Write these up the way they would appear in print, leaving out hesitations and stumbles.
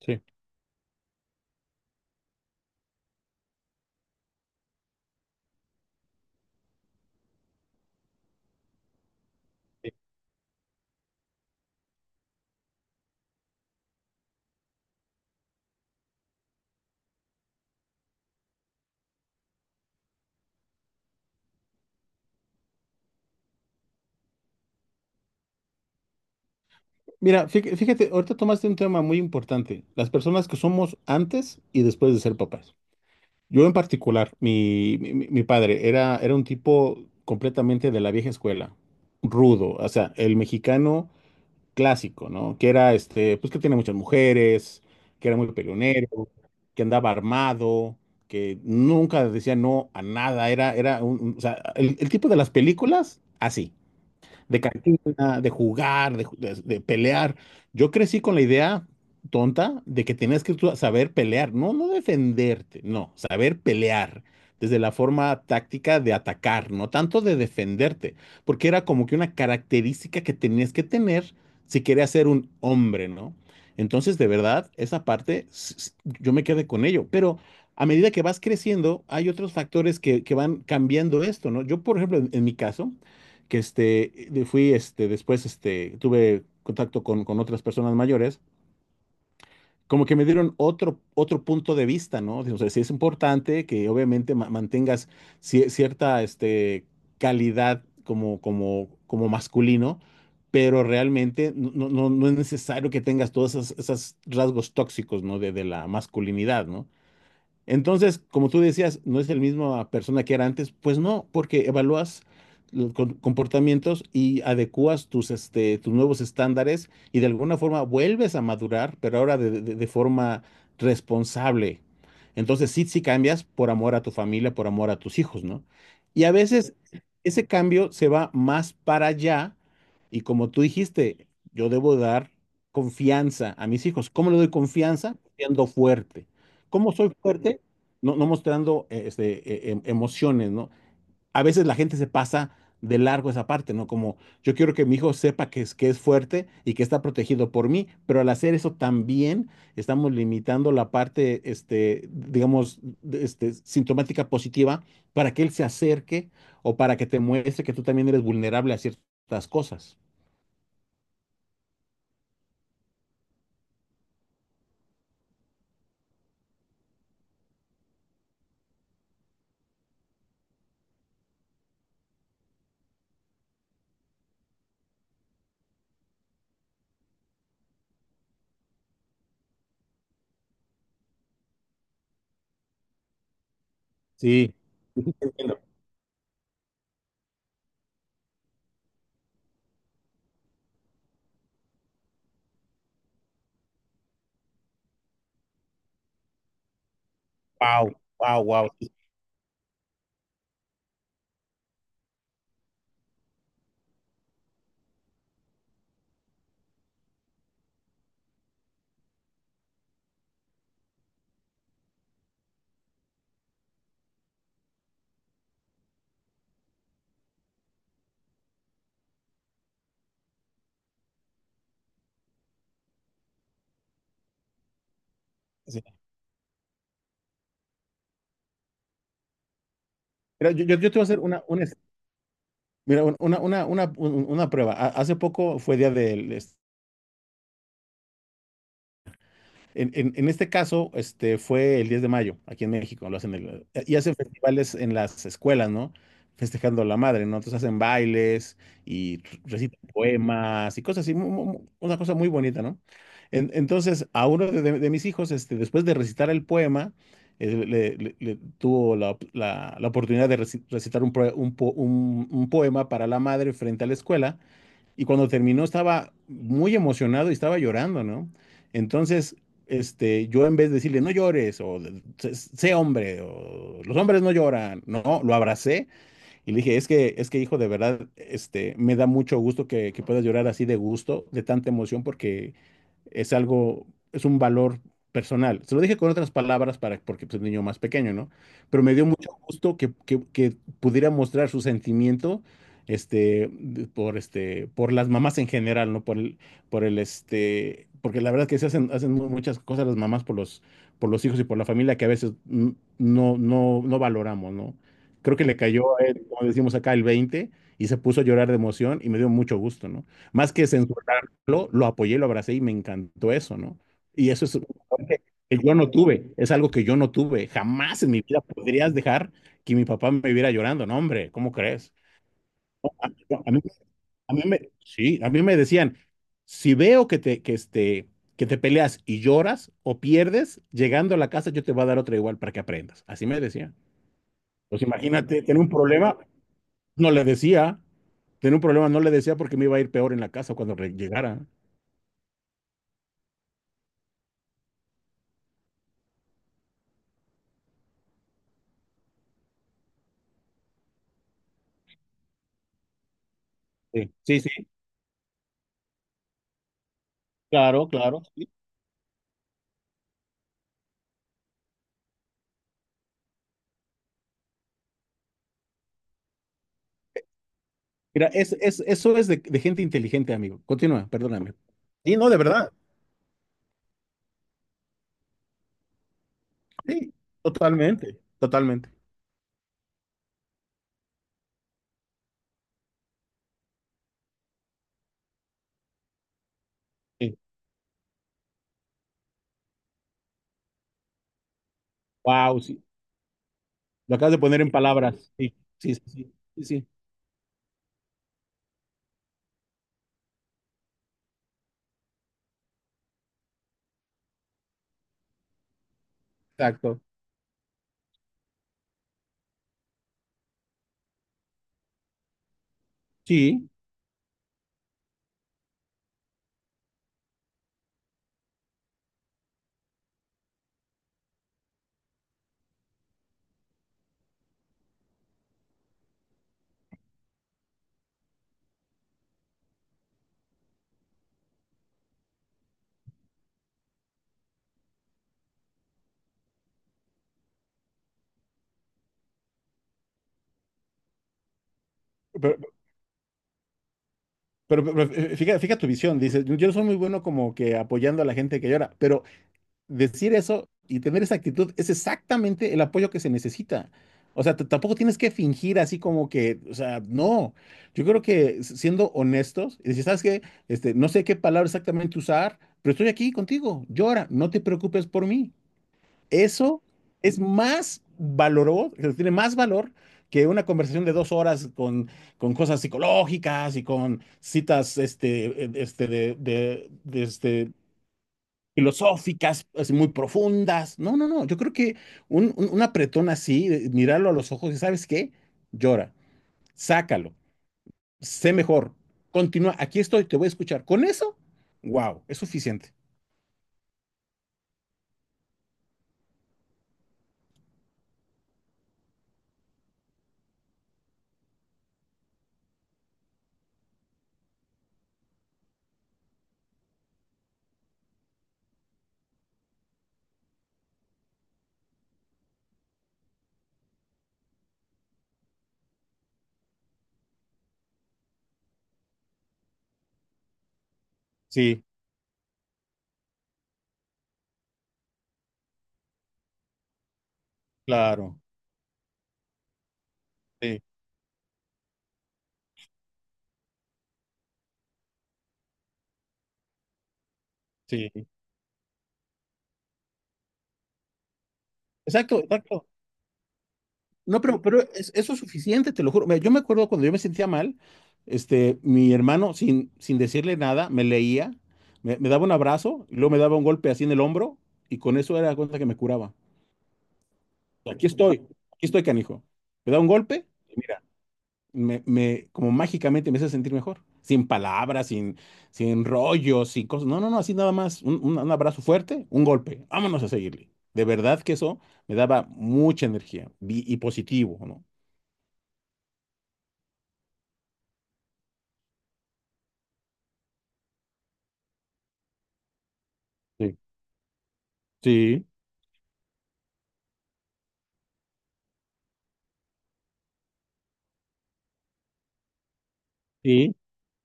Sí. Mira, fíjate, ahorita tomaste un tema muy importante, las personas que somos antes y después de ser papás. Yo en particular, padre era un tipo completamente de la vieja escuela, rudo, o sea, el mexicano clásico, ¿no? Que era, pues que tenía muchas mujeres, que era muy peleonero, que andaba armado, que nunca decía no a nada, o sea, el tipo de las películas, así. De cantina, de jugar, de pelear. Yo crecí con la idea tonta de que tenías que tú saber pelear, no, no defenderte, no, saber pelear. Desde la forma táctica de atacar, no tanto de defenderte, porque era como que una característica que tenías que tener si querías ser un hombre, ¿no? Entonces, de verdad, esa parte, yo me quedé con ello, pero a medida que vas creciendo, hay otros factores que van cambiando esto, ¿no? Yo, por ejemplo, en mi caso, fui, después, tuve contacto con otras personas mayores, como que me dieron otro punto de vista, ¿no? O sea, sí es importante que obviamente mantengas cierta, calidad como masculino, pero realmente no es necesario que tengas todos esos rasgos tóxicos, ¿no? De la masculinidad, ¿no? Entonces, como tú decías, no es el mismo persona que era antes, pues no, porque evalúas los comportamientos y adecuas tus nuevos estándares y de alguna forma vuelves a madurar, pero ahora de forma responsable. Entonces, sí, sí cambias por amor a tu familia, por amor a tus hijos, ¿no? Y a veces ese cambio se va más para allá y como tú dijiste, yo debo dar confianza a mis hijos. ¿Cómo le doy confianza? Siendo fuerte. ¿Cómo soy fuerte? No mostrando emociones, ¿no? A veces la gente se pasa de largo esa parte, ¿no? Como yo quiero que mi hijo sepa que es fuerte y que está protegido por mí, pero al hacer eso también estamos limitando la parte, digamos, sintomática positiva para que él se acerque o para que te muestre que tú también eres vulnerable a ciertas cosas. Sí, wow, wow, wow. Sí, sí. Mira, yo te voy a hacer mira, una prueba. Hace poco fue día del, en este caso, fue el 10 de mayo, aquí en México, y hacen festivales en las escuelas, ¿no? Festejando a la madre, ¿no? Entonces hacen bailes y recitan poemas y cosas así, una cosa muy bonita, ¿no? Entonces, a uno de mis hijos, después de recitar el poema, le tuvo la oportunidad de recitar un, proe- un po- un poema para la madre frente a la escuela y cuando terminó estaba muy emocionado y estaba llorando, ¿no? Entonces, yo en vez de decirle, no llores, o sé hombre, o los hombres no lloran, no, lo abracé y le dije, es que hijo, de verdad, me da mucho gusto que puedas llorar así de gusto, de tanta emoción, porque es algo, es un valor personal. Se lo dije con otras palabras para, porque pues, es un niño más pequeño, ¿no? Pero me dio mucho gusto que, que pudiera mostrar su sentimiento, por, por las mamás en general, ¿no? Porque la verdad que hacen muchas cosas las mamás por los hijos y por la familia que a veces no valoramos, ¿no? Creo que le cayó a él, como decimos acá, el 20 y se puso a llorar de emoción y me dio mucho gusto, ¿no? Más que censurarlo, lo apoyé, lo abracé y me encantó eso, ¿no? Y eso es un valor que yo no tuve, es algo que yo no tuve. Jamás en mi vida podrías dejar que mi papá me viera llorando, no, hombre, ¿cómo crees? Yo- A mí, sí, a mí me decían, si veo que te peleas y lloras o pierdes, llegando a la casa yo te voy a dar otra igual para que aprendas. Así me decían. Pues imagínate, tiene un problema, no le decía, tenía un problema, no le decía porque me iba a ir peor en la casa cuando llegara. Sí, sí, sí, claro, claro. Sí. Mira, es, eso es de gente inteligente, amigo. Continúa, perdóname. Sí, no, de verdad. Sí. Totalmente, totalmente. Sí. Wow, sí. Lo acabas de poner en palabras. Sí, sí, sí, sí, sí, sí, exacto. Sí. pero, pero, fija tu visión. Dices, yo soy muy bueno como que apoyando a la gente que llora, pero decir eso y tener esa actitud es exactamente el apoyo que se necesita. O sea, tampoco tienes que fingir así como que, o sea, no. Yo creo que siendo honestos y decir, ¿sabes qué? No sé qué palabra exactamente usar, pero estoy aquí contigo. Llora, no te preocupes por mí. Eso es más valoroso, tiene más valor que una conversación de 2 horas con cosas psicológicas y con citas filosóficas, así muy profundas. No, no, no. Yo creo que un apretón así, mirarlo a los ojos y ¿sabes qué? Llora, sácalo, sé mejor, continúa, aquí estoy, te voy a escuchar. Con eso, wow, es suficiente. Sí, claro, sí, sí. Exacto, exacto. No, pero eso es suficiente, te lo juro. Mira, yo me acuerdo cuando yo me sentía mal, mi hermano, sin decirle nada, me leía, me daba un abrazo, y luego me daba un golpe así en el hombro, y con eso era la cuenta que me curaba. Aquí estoy, aquí estoy, canijo. Me da un golpe, y mira, como mágicamente me hace sentir mejor. Sin palabras, sin rollos, sin cosas. No, no, no, así nada más. Un abrazo fuerte, un golpe. Vámonos a seguirle. De verdad que eso me daba mucha energía y positivo, ¿no? Sí. Sí, sí.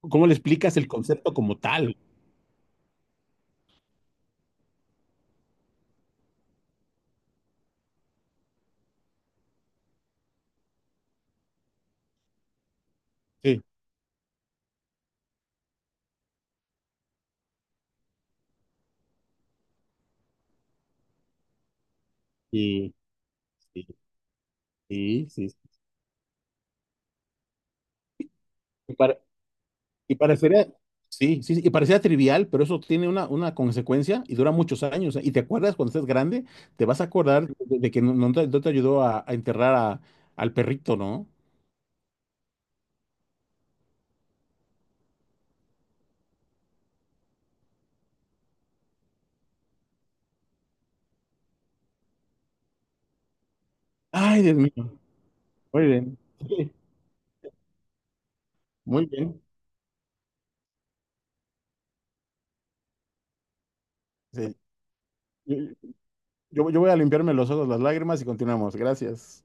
¿Cómo le explicas el concepto como tal? Sí, sí, sí, sí, sí. Sí. Y parecería, sí, sí, sí, y parecía trivial, pero eso tiene una consecuencia y dura muchos años, ¿eh? Y te acuerdas cuando estés grande, te vas a acordar de que no te no te ayudó a enterrar al perrito, ¿no? Ay, Dios mío. Muy bien. Sí, muy bien. Sí. Yo, yo voy a limpiarme los ojos, las lágrimas y continuamos. Gracias.